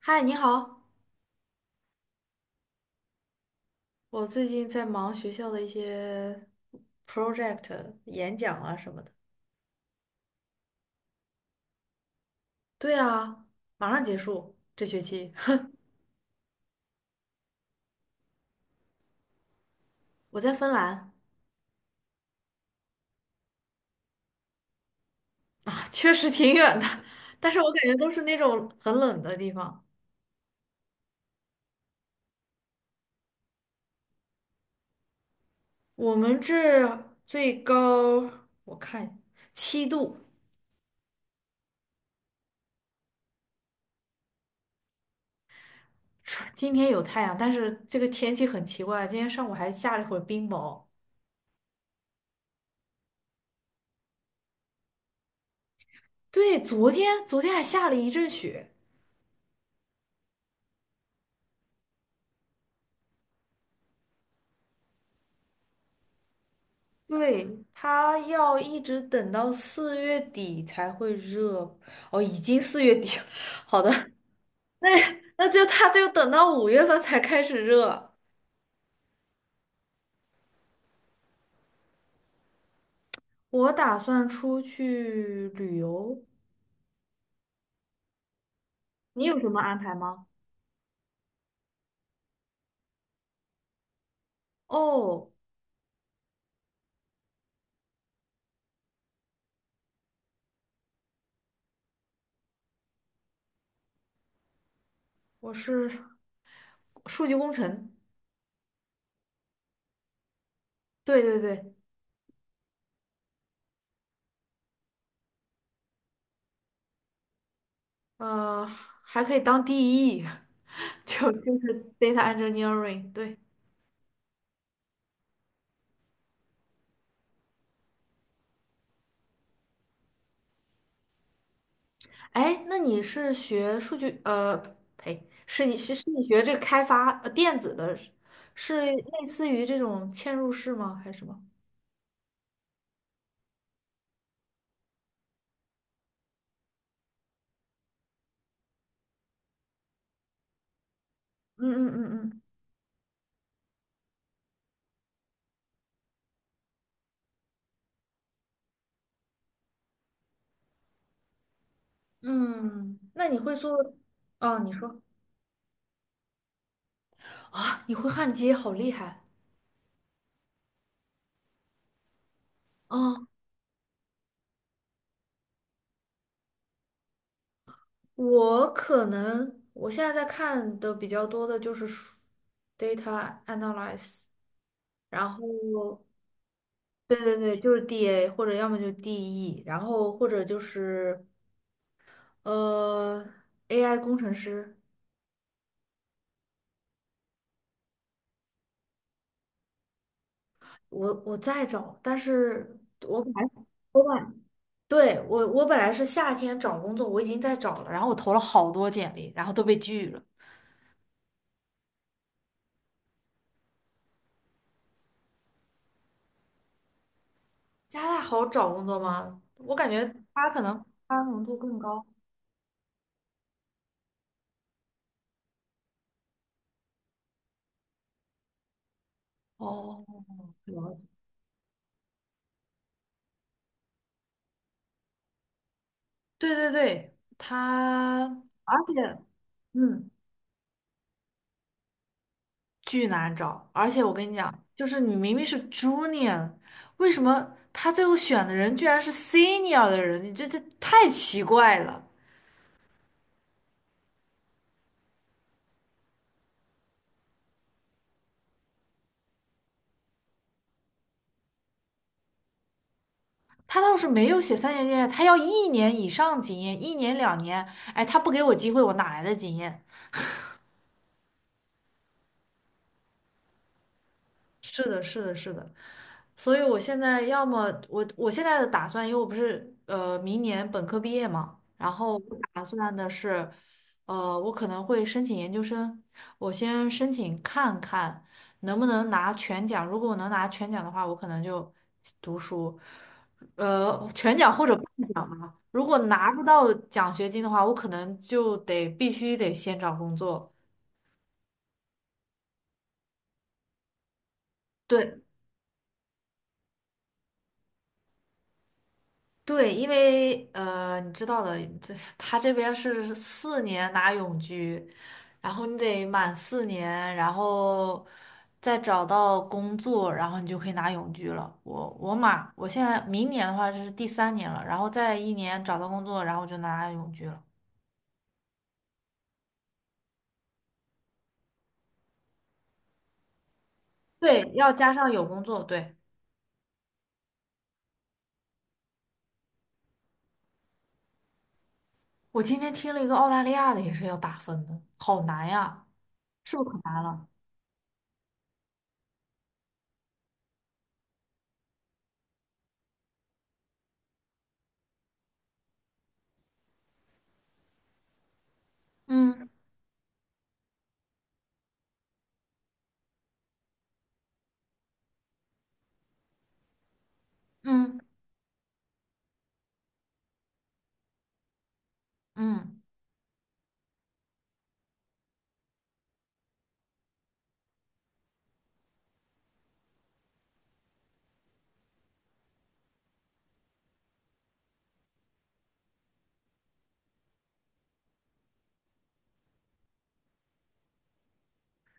嗨，你好，我最近在忙学校的一些 project 演讲啊什么的。对啊，马上结束这学期。我在芬兰。啊确实挺远的，但是我感觉都是那种很冷的地方。我们这最高我看七度。今天有太阳，但是这个天气很奇怪，今天上午还下了一会儿冰雹。对，昨天还下了一阵雪。对，他要一直等到四月底才会热。哦，已经四月底了。好的。那那就他就等到五月份才开始热。我打算出去旅游，你有什么安排吗？哦，我是数据工程。对对对，呃，还可以当 DE。就是 data engineering，对。哎，那你是学数据呸，是你是是你学这个开发电子的，是类似于这种嵌入式吗？还是什么？嗯嗯嗯嗯，嗯，那你会做？啊，你说。啊，你会焊接，好厉害啊！我可能我现在在看的比较多的就是data analyze。然后对对对，就是 DA 或者要么就 DE，然后或者就是呃，AI 工程师。我在找，但是我本来我本对我我本来是夏天找工作，我已经在找了，然后我投了好多简历，然后都被拒了。加拿大好找工作吗？我感觉它可能包容度更高。哦，了解。对对对，而且嗯，巨难找。而且我跟你讲，就是你明明是 junior，为什么他最后选的人居然是 senior 的人？你这太奇怪了。他倒是没有写三年经验，他要一年以上经验，一年两年。哎，他不给我机会，我哪来的经验？是的，是的，是的，所以我现在的打算，因为我不是明年本科毕业嘛，然后我打算的是，我可能会申请研究生，我先申请看看能不能拿全奖，如果我能拿全奖的话，我可能就读书，全奖或者半奖嘛，如果拿不到奖学金的话，我可能就得必须得先找工作。对。对，因为你知道的，他这边是四年拿永居，然后你得满四年，然后再找到工作，然后你就可以拿永居了。我满，我现在明年的话是第三年了，然后再一年找到工作，然后我就拿永居了。对，要加上有工作。对，我今天听了一个澳大利亚的也是要打分的，好难呀，是不是可难了？嗯嗯嗯。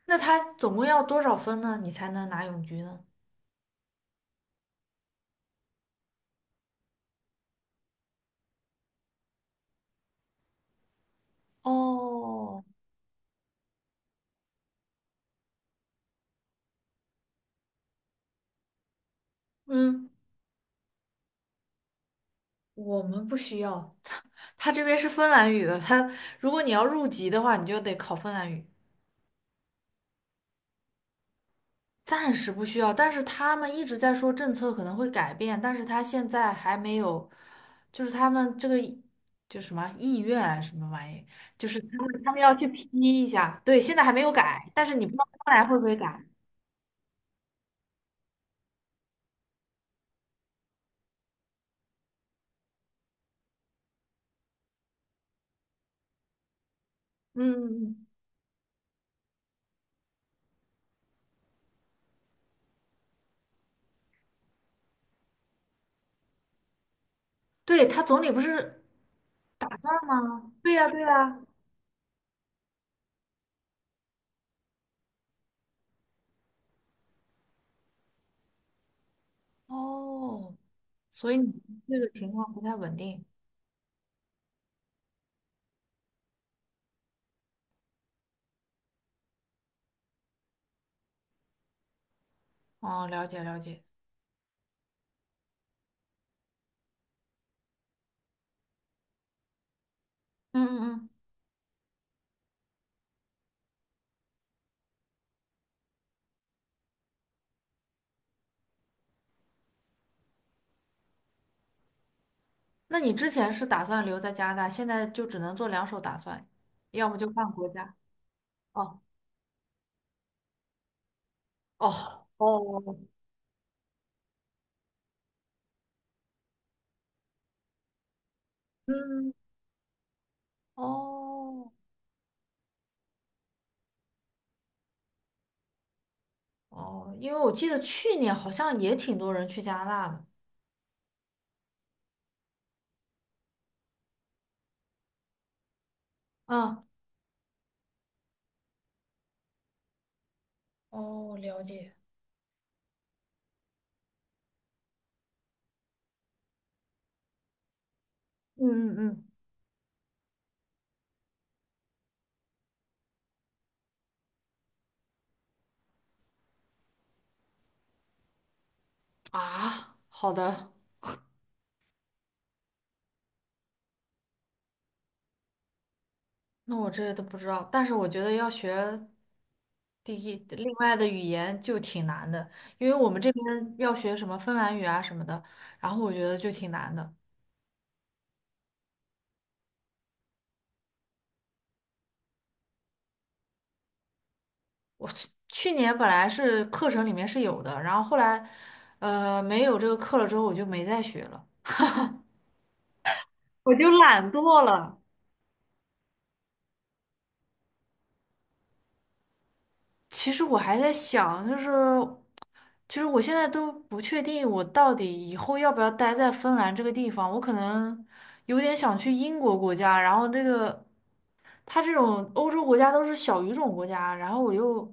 那他总共要多少分呢？你才能拿永居呢？哦，嗯，我们不需要。他这边是芬兰语的，如果你要入籍的话，你就得考芬兰语。暂时不需要。但是他们一直在说政策可能会改变，但是他现在还没有，就是他们这个就什么意愿啊什么玩意，就是他们要去批一下，对，现在还没有改，但是你不知道将来会不会改。嗯，对，他总理不是，吗？对呀，对呀。哦，所以你这个情况不太稳定。哦，了解了解。嗯嗯嗯，那你之前是打算留在加拿大，现在就只能做两手打算，要不就换国家。哦哦哦，嗯哦哦，因为我记得去年好像也挺多人去加拿大的。嗯，哦，了解。嗯嗯嗯，啊，好的。那我这都不知道，但是我觉得要学第一另外的语言就挺难的，因为我们这边要学什么芬兰语啊什么的，然后我觉得就挺难的。我去年本来是课程里面是有的，然后后来没有这个课了之后，我就没再学了。我就懒惰了。其实我还在想，就是其实我现在都不确定我到底以后要不要待在芬兰这个地方，我可能有点想去英国国家，然后这个。他这种欧洲国家都是小语种国家，然后我又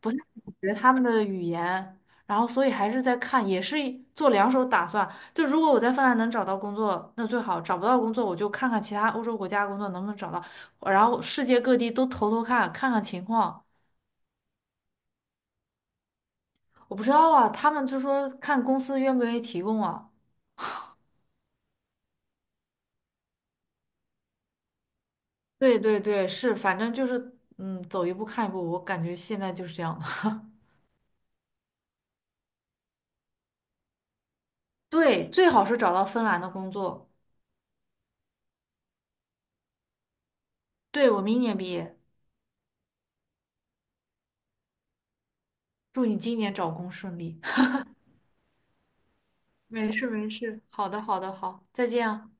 不太懂得他们的语言，然后所以还是在看，也是一做两手打算。就如果我在芬兰能找到工作，那最好；找不到工作，我就看看其他欧洲国家工作能不能找到，然后世界各地都投投看，看看情况。我不知道啊，他们就说看公司愿不愿意提供啊。对对对，是，反正就是走一步看一步，我感觉现在就是这样的。对，最好是找到芬兰的工作。对，我明年毕业。祝你今年找工顺利。没事没事，好的，好的，好，再见啊，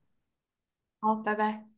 好，拜拜。